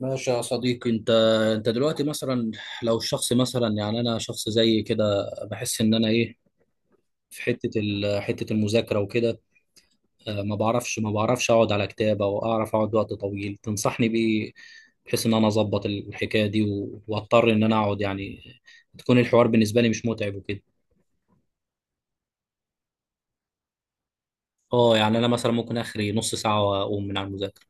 ماشي يا صديقي انت، دلوقتي مثلا، لو الشخص مثلا، يعني انا شخص زي كده، بحس ان انا ايه في حته المذاكره وكده. ما بعرفش اقعد على كتاب، او اعرف اقعد وقت طويل، تنصحني بايه؟ بحيث ان انا اظبط الحكايه دي واضطر ان انا اقعد، يعني تكون الحوار بالنسبه لي مش متعب وكده. اه يعني انا مثلا ممكن اخري نص ساعه واقوم من على المذاكره.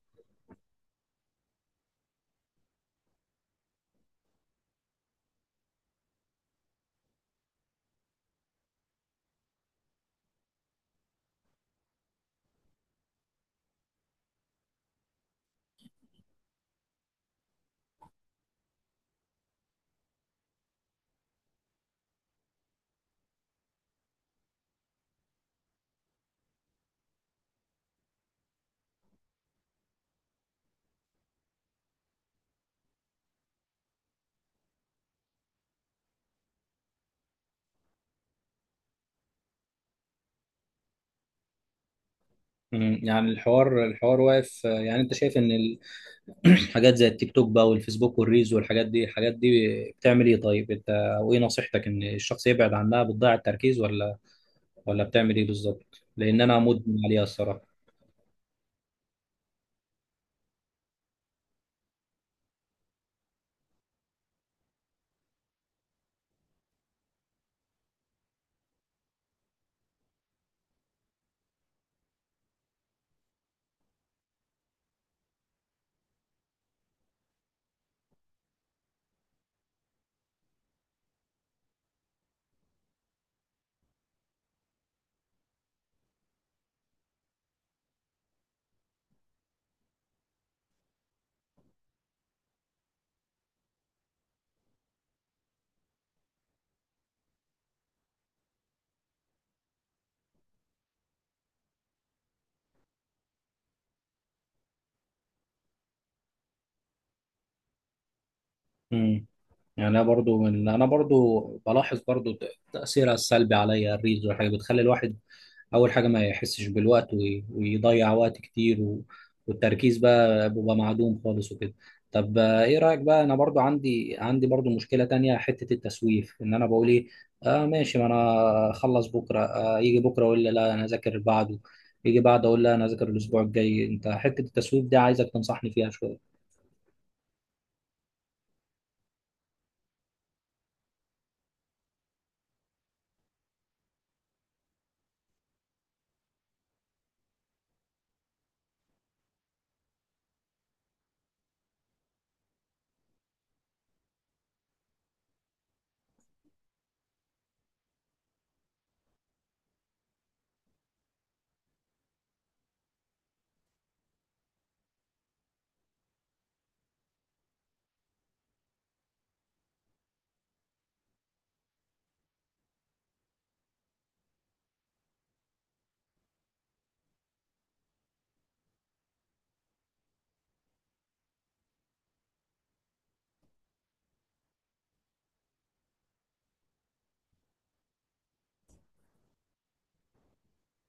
يعني الحوار واقف، يعني انت شايف ان حاجات زي التيك توك بقى والفيسبوك والريلز، والحاجات دي بتعمل ايه؟ طيب انت، وايه نصيحتك؟ ان الشخص يبعد عنها، بتضيع التركيز، ولا بتعمل ايه بالظبط؟ لان انا مدمن عليها الصراحه. امم يعني انا برضو بلاحظ برضو تاثيرها السلبي عليا، الريلز والحاجات بتخلي الواحد اول حاجه ما يحسش بالوقت، ويضيع وقت كتير، والتركيز بقى بيبقى معدوم خالص وكده. طب ايه رايك بقى؟ انا برضو عندي برضو مشكله تانية، حته التسويف، ان انا بقول ايه؟ اه ماشي، ما انا اخلص بكره، يجي بكره اقول لي لا انا اذاكر بعده، يجي بعد اقول لها انا اذاكر الاسبوع الجاي، انت حته التسويف دي عايزك تنصحني فيها شويه.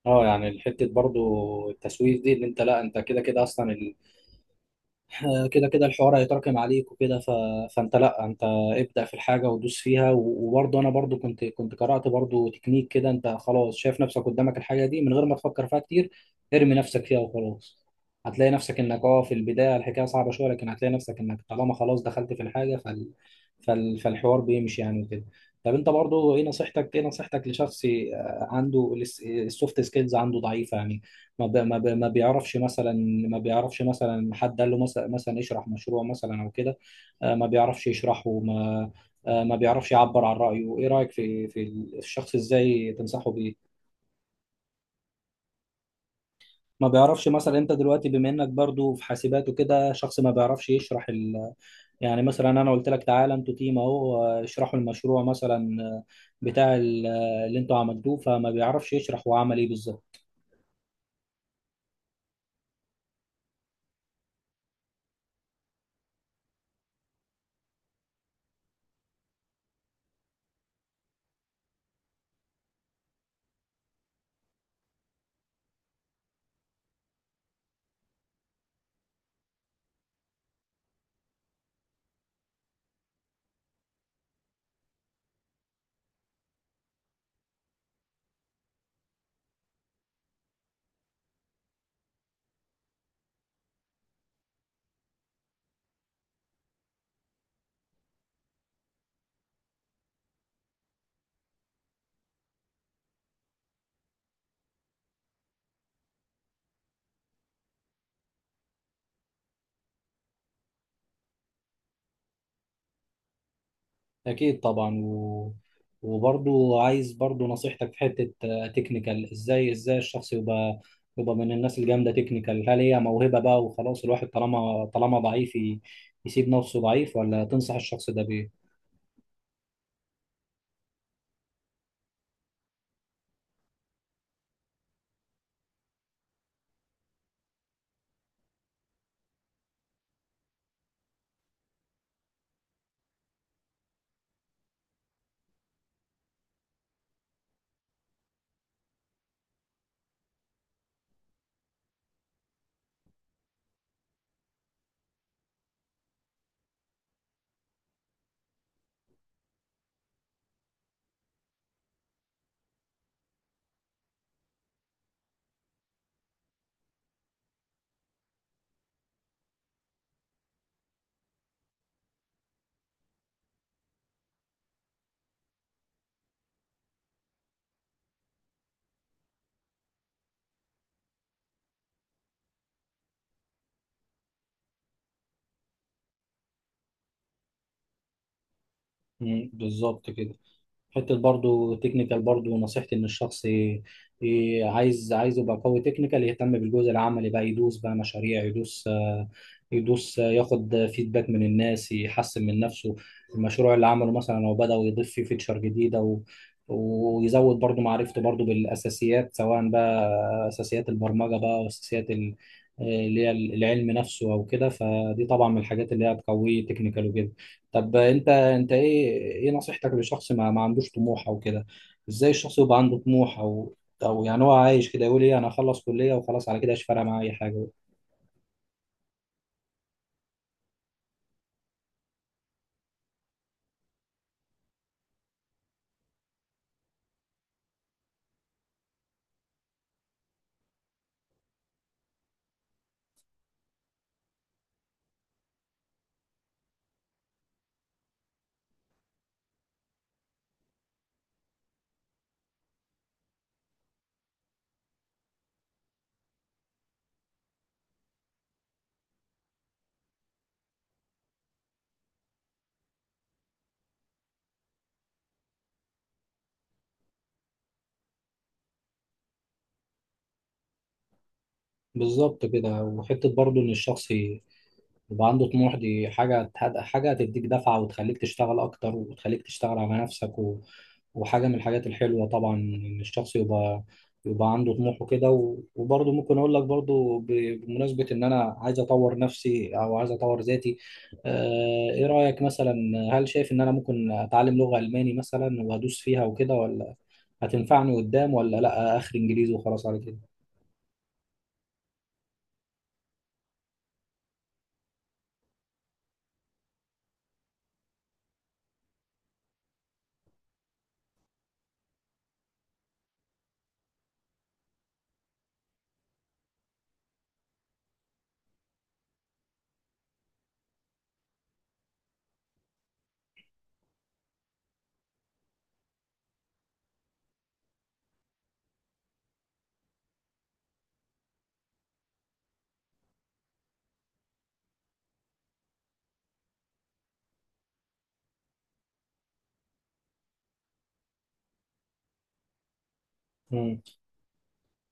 اه يعني الحته برضو التسويف دي، ان انت لا، انت كده كده اصلا، كده كده الحوار هيتراكم عليك وكده، فانت لا، انت ابدأ في الحاجة ودوس فيها، وبرضه انا برضه كنت قرأت برضه تكنيك كده، انت خلاص شايف نفسك قدامك الحاجة دي من غير ما تفكر فيها كتير، ارمي نفسك فيها وخلاص. هتلاقي نفسك انك في البداية الحكاية صعبة شوية، لكن هتلاقي نفسك انك طالما خلاص دخلت في الحاجة فالحوار بيمشي يعني وكده. طب انت برضه، ايه نصيحتك لشخص عنده السوفت سكيلز، عنده ضعيفة يعني، ما بيعرفش مثلا، ما بيعرفش مثلا حد قال له مثلا اشرح مشروع مثلا او كده، ما بيعرفش يشرحه، ما بيعرفش يعبر عن رأيه، ايه رأيك في الشخص؟ ازاي تنصحه بيه؟ ما بيعرفش مثلا، انت دلوقتي بما انك برضو في حاسبات وكده، شخص ما بيعرفش يشرح، يعني مثلا انا قلت لك تعالى انتوا تيم اهو، اشرحوا المشروع مثلا، بتاع اللي انتوا عملتوه، فما بيعرفش يشرح هو عمل ايه بالظبط. أكيد طبعا، وبرضو عايز برضو نصيحتك في حتة تكنيكال، إزاي الشخص يبقى من الناس الجامدة تكنيكال؟ هل هي موهبة بقى وخلاص الواحد طالما ضعيف يسيب نفسه ضعيف؟ ولا تنصح الشخص ده بإيه؟ بالظبط كده، حته برضو تكنيكال، برضو نصيحتي ان الشخص عايز يبقى قوي تكنيكال، يهتم بالجزء العملي بقى، يدوس بقى مشاريع، يدوس آه، يدوس آه، ياخد فيدباك من الناس، يحسن من نفسه. المشروع اللي عمله مثلا لو بدأ يضيف فيه فيتشر جديدة، ويزود برضو معرفته برضو بالأساسيات، سواء بقى أساسيات البرمجة بقى، وأساسيات اللي هي العلم نفسه أو كده، فدي طبعا من الحاجات اللي هي بتقويه تكنيكال وكده. طب انت، ايه نصيحتك لشخص ما عندوش طموح او كده؟ ازاي الشخص يبقى عنده طموح، او يعني هو عايش كده يقول ايه؟ انا اخلص كلية وخلاص، على كده مش فارقة معايا اي حاجة. بالظبط كده، وحتة برضو ان الشخص يبقى عنده طموح، دي حاجة هتديك دفعة وتخليك تشتغل أكتر، وتخليك تشتغل على نفسك، وحاجة من الحاجات الحلوة طبعا، إن الشخص يبقى عنده طموح وكده، وبرضه ممكن أقول لك برضه بمناسبة إن أنا عايز أطور نفسي أو عايز أطور ذاتي. إيه رأيك مثلا، هل شايف إن أنا ممكن أتعلم لغة ألماني مثلا وأدوس فيها وكده، ولا هتنفعني قدام، ولا لأ آخر إنجليزي وخلاص على كده؟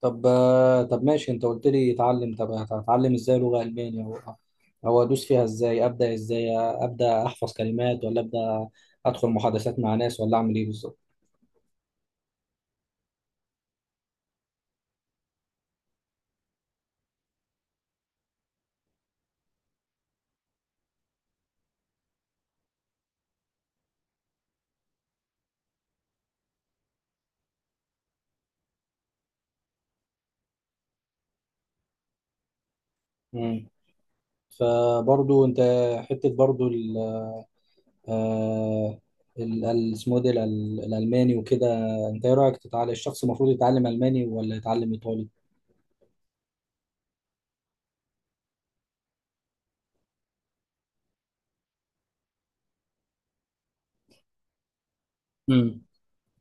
طب ماشي، انت قلت لي اتعلم، طب هتعلم ازاي لغة ألمانية، او أو ادوس فيها ازاي؟ ابدا ازاي؟ ابدا احفظ كلمات، ولا ابدا ادخل محادثات مع ناس، ولا اعمل ايه بالظبط؟ مم. فبرضو انت، حتة برضو ال آه، ال- ال- اسمه ده الالماني وكده، انت ايه رايك؟ تتعلم، الشخص المفروض يتعلم الماني ولا يتعلم ايطالي؟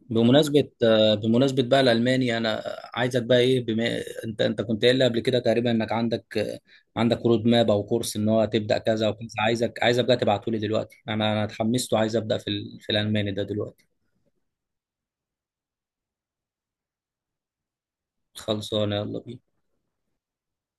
بمناسبة بقى الألماني، أنا عايزك بقى إيه، بما أنت كنت قايل لي قبل كده تقريبا إنك عندك رود ماب أو كورس، إن هو تبدأ كذا وكذا، عايزك بقى تبعته لي دلوقتي، أنا اتحمست وعايز أبدأ في الألماني ده دلوقتي. خلصانة يلا بينا.